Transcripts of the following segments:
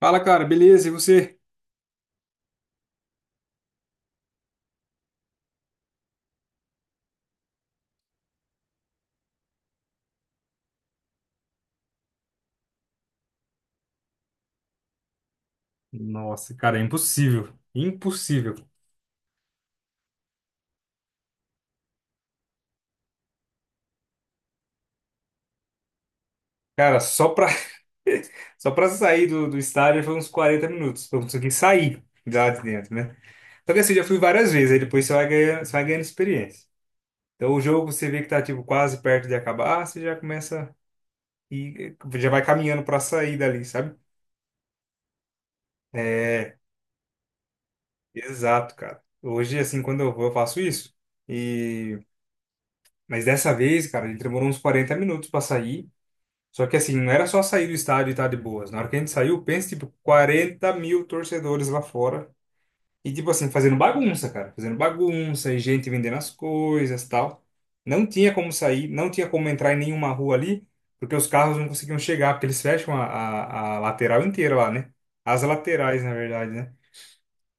Fala, cara, beleza? E você? Nossa, cara, é impossível. Impossível. Cara, só pra sair do estádio foi uns 40 minutos. Pra conseguir sair lá de dentro, né? Só que assim, eu já fui várias vezes, aí depois você vai ganhando experiência. Então o jogo você vê que tá tipo quase perto de acabar, você já começa e já vai caminhando pra sair dali, sabe? É, exato, cara. Hoje, assim, quando eu vou, eu faço isso. E... Mas dessa vez, cara, ele demorou uns 40 minutos pra sair. Só que assim, não era só sair do estádio e tá de boas. Na hora que a gente saiu, pensa, tipo, 40 mil torcedores lá fora. E, tipo assim, fazendo bagunça, cara. Fazendo bagunça e gente vendendo as coisas tal. Não tinha como sair, não tinha como entrar em nenhuma rua ali, porque os carros não conseguiam chegar, porque eles fecham a lateral inteira lá, né? As laterais, na verdade, né?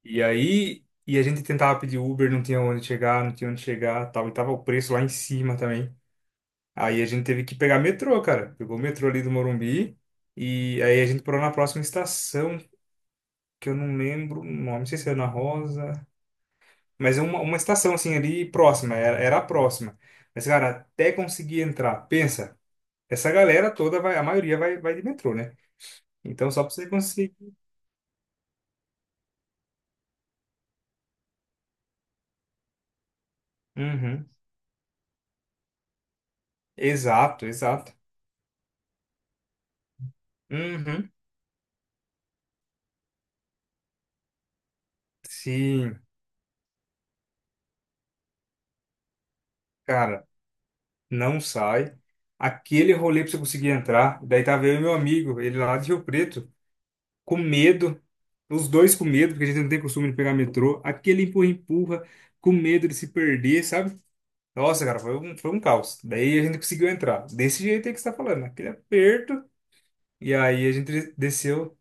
E aí, a gente tentava pedir Uber, não tinha onde chegar, não tinha onde chegar, tal. E tava o preço lá em cima também. Aí a gente teve que pegar metrô, cara. Pegou o metrô ali do Morumbi. E aí a gente parou na próxima estação, que eu não lembro o nome, não sei se era na Rosa. Mas é uma estação assim ali próxima, era a próxima. Mas, cara, até conseguir entrar, pensa, essa galera toda vai, a maioria vai de metrô, né? Então só pra você conseguir. Uhum. Exato, exato. Uhum. Sim, cara, não sai. Aquele rolê pra você conseguir entrar. Daí tava eu e meu amigo, ele lá de Rio Preto, com medo, os dois com medo, porque a gente não tem costume de pegar metrô, aquele empurra-empurra, com medo de se perder, sabe? Nossa, cara, foi um caos. Daí a gente conseguiu entrar, desse jeito aí que você tá falando, né? Aquele aperto, e aí a gente desceu.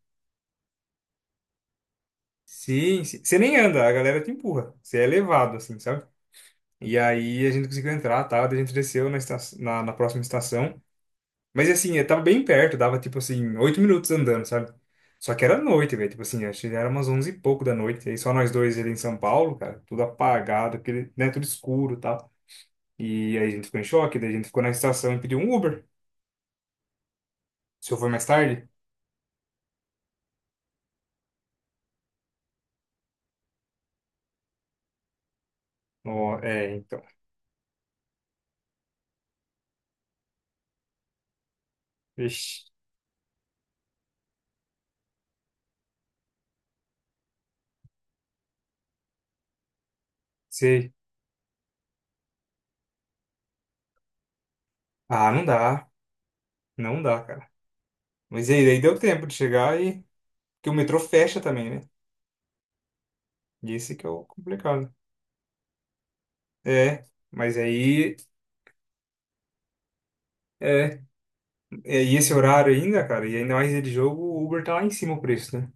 Sim, sim. Você nem anda, a galera te empurra, você é levado, assim, sabe? E aí a gente conseguiu entrar, tá? Daí a gente desceu na próxima estação. Mas assim, eu tava bem perto, dava tipo assim, 8 minutos andando, sabe? Só que era noite, velho. Tipo assim, acho que era umas 11 e pouco da noite. Aí só nós dois ali em São Paulo, cara, tudo apagado, aquele, né, tudo escuro e tal. E aí a gente ficou em choque, daí a gente ficou na estação e pediu um Uber. Se eu for mais tarde? Ó, é, então. Ixi, sei. Ah, não dá. Não dá, cara. Mas aí, daí deu tempo de chegar. Porque o metrô fecha também, né? E esse que é o complicado. É, mas aí. é, E esse horário ainda, cara, e ainda mais dia de jogo, o Uber tá lá em cima o preço, né?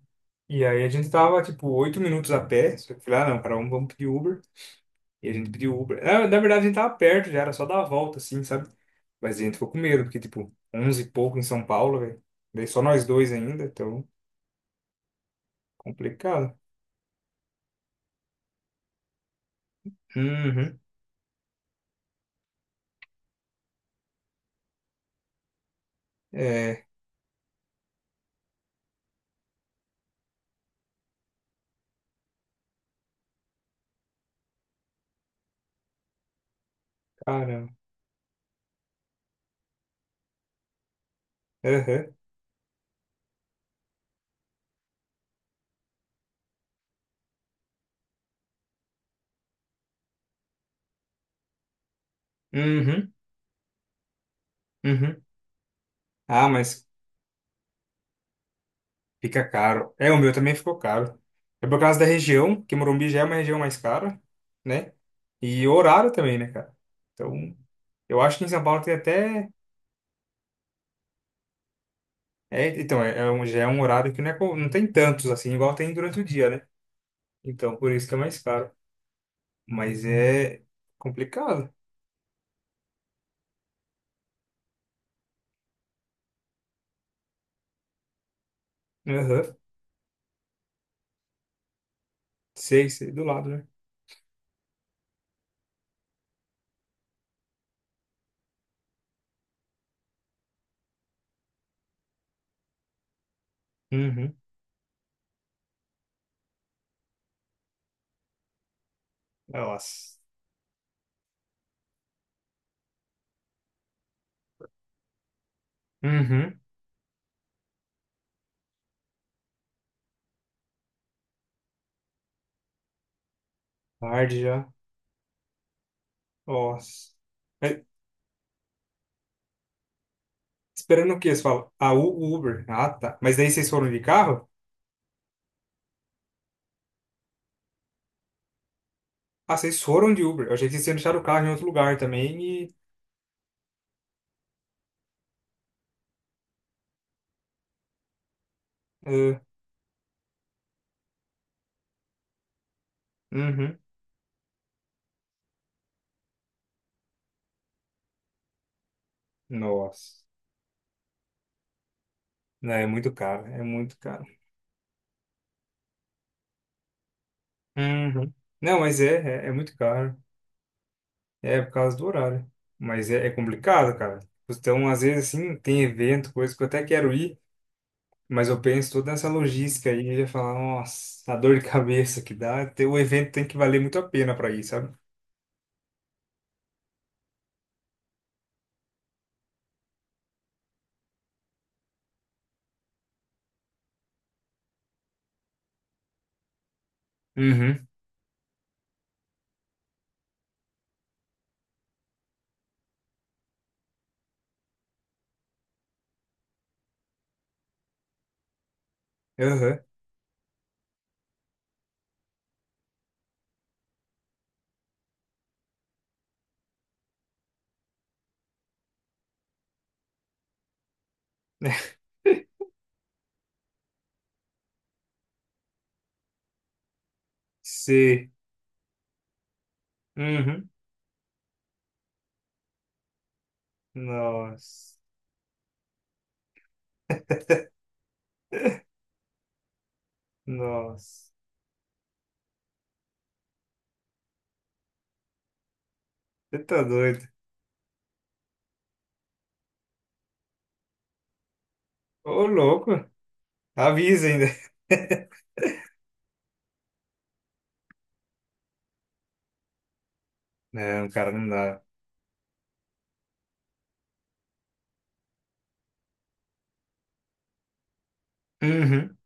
E aí a gente tava, tipo, 8 minutos a pé, só que eu falei, ah, não, cara, vamos pedir Uber. E a gente pediu Uber. Na verdade, a gente tava perto já, era só dar a volta, assim, sabe? Mas a gente ficou com medo, porque, tipo, 11 e pouco em São Paulo, velho. Daí só nós dois ainda, então, complicado. Uhum. É, caramba. Uhum. Uhum. Uhum. Ah, mas, Fica caro. É, o meu também ficou caro. É por causa da região, que Morumbi já é uma região mais cara, né? E o horário também, né, cara? Então, eu acho que em São Paulo tem até. É, então, é, é um, já é um horário que não tem tantos, assim, igual tem durante o dia, né? Então, por isso que é mais caro. Mas é complicado. Aham. Sei, sei, do lado, né? Uhum. Nossa. Uhum. Tarde já. Nossa. É, esperando o quê? Você fala, ah, o Uber. Ah, tá. Mas daí vocês foram de carro? Ah, vocês foram de Uber. Eu achei que vocês tinham deixado o carro em outro lugar também. Ah, uhum. Nossa. Não, é muito caro. É muito caro. Uhum. Não, mas é muito caro. É por causa do horário. Mas é complicado, cara. Então, às vezes, assim, tem evento, coisa que eu até quero ir, mas eu penso toda nessa logística aí e já falar, nossa, a dor de cabeça que dá. O evento tem que valer muito a pena pra ir, sabe? Uhum. Uhum. Sei. Uhum. Nossa. Nossa. Você tá doido. Ô, louco. Avisa ainda. Não, cara, não dá. Uhum.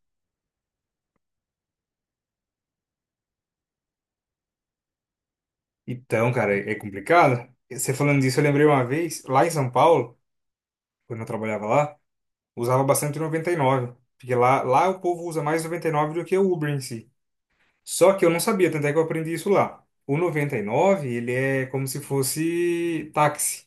Então, cara, é complicado. Você falando disso, eu lembrei uma vez, lá em São Paulo, quando eu trabalhava lá, usava bastante o 99. Porque lá o povo usa mais o 9 do que o Uber em si. Só que eu não sabia, tanto é que eu aprendi isso lá. O 99, ele é como se fosse táxi.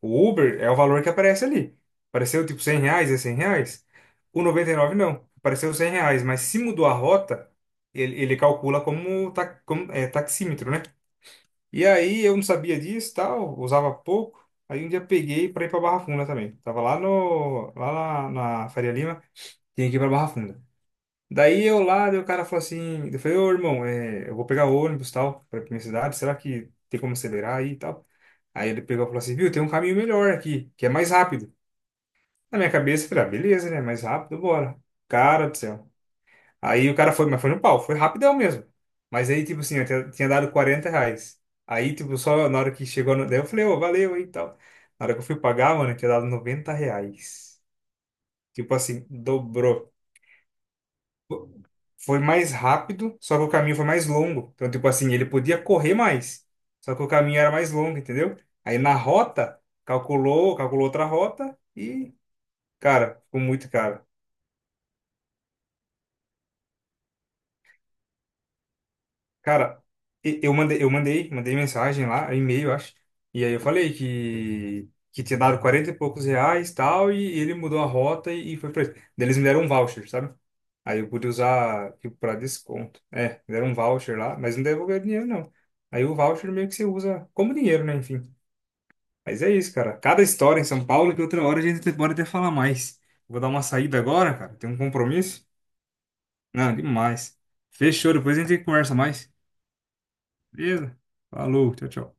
O Uber é o valor que aparece ali. Apareceu tipo R$ 100, é R$ 100. O 99 não. Apareceu R$ 100, mas se mudou a rota, ele calcula como é, taxímetro, né? E aí eu não sabia disso, tal, usava pouco. Aí um dia peguei para ir para Barra Funda também. Tava lá no lá na, na Faria Lima, tinha que ir para Barra Funda. Daí eu lá, daí o cara falou assim, eu falei, ô irmão, eu vou pegar ônibus, tal, para minha cidade, será que tem como acelerar aí e tal? Aí ele pegou e falou assim, viu, tem um caminho melhor aqui, que é mais rápido. Na minha cabeça, eu falei, ah, beleza, né? Mais rápido, bora. Cara do céu. Aí o cara foi, mas foi no pau, foi rapidão mesmo. Mas aí, tipo assim, eu tinha dado R$ 40. Aí, tipo, só na hora que chegou, no... daí eu falei, ô, valeu aí e tal. Na hora que eu fui pagar, mano, eu tinha dado R$ 90. Tipo assim, dobrou. Foi mais rápido, só que o caminho foi mais longo. Então, tipo assim, ele podia correr mais, só que o caminho era mais longo, entendeu? Aí na rota, calculou outra rota e, cara, ficou muito caro. Cara, mandei mensagem lá, e-mail, acho. E aí eu falei que tinha dado R$ 40 e poucos tal, e ele mudou a rota e foi pra ele. Daí eles me deram um voucher, sabe? Aí eu pude usar tipo, pra desconto. É, me deram um voucher lá, mas não devolveram dinheiro, não. Aí o voucher meio que você usa como dinheiro, né? Enfim. Mas é isso, cara. Cada história em São Paulo que outra hora a gente pode até falar mais. Vou dar uma saída agora, cara. Tem um compromisso? Não, demais. Fechou, depois a gente conversa mais. Beleza? Falou, tchau, tchau.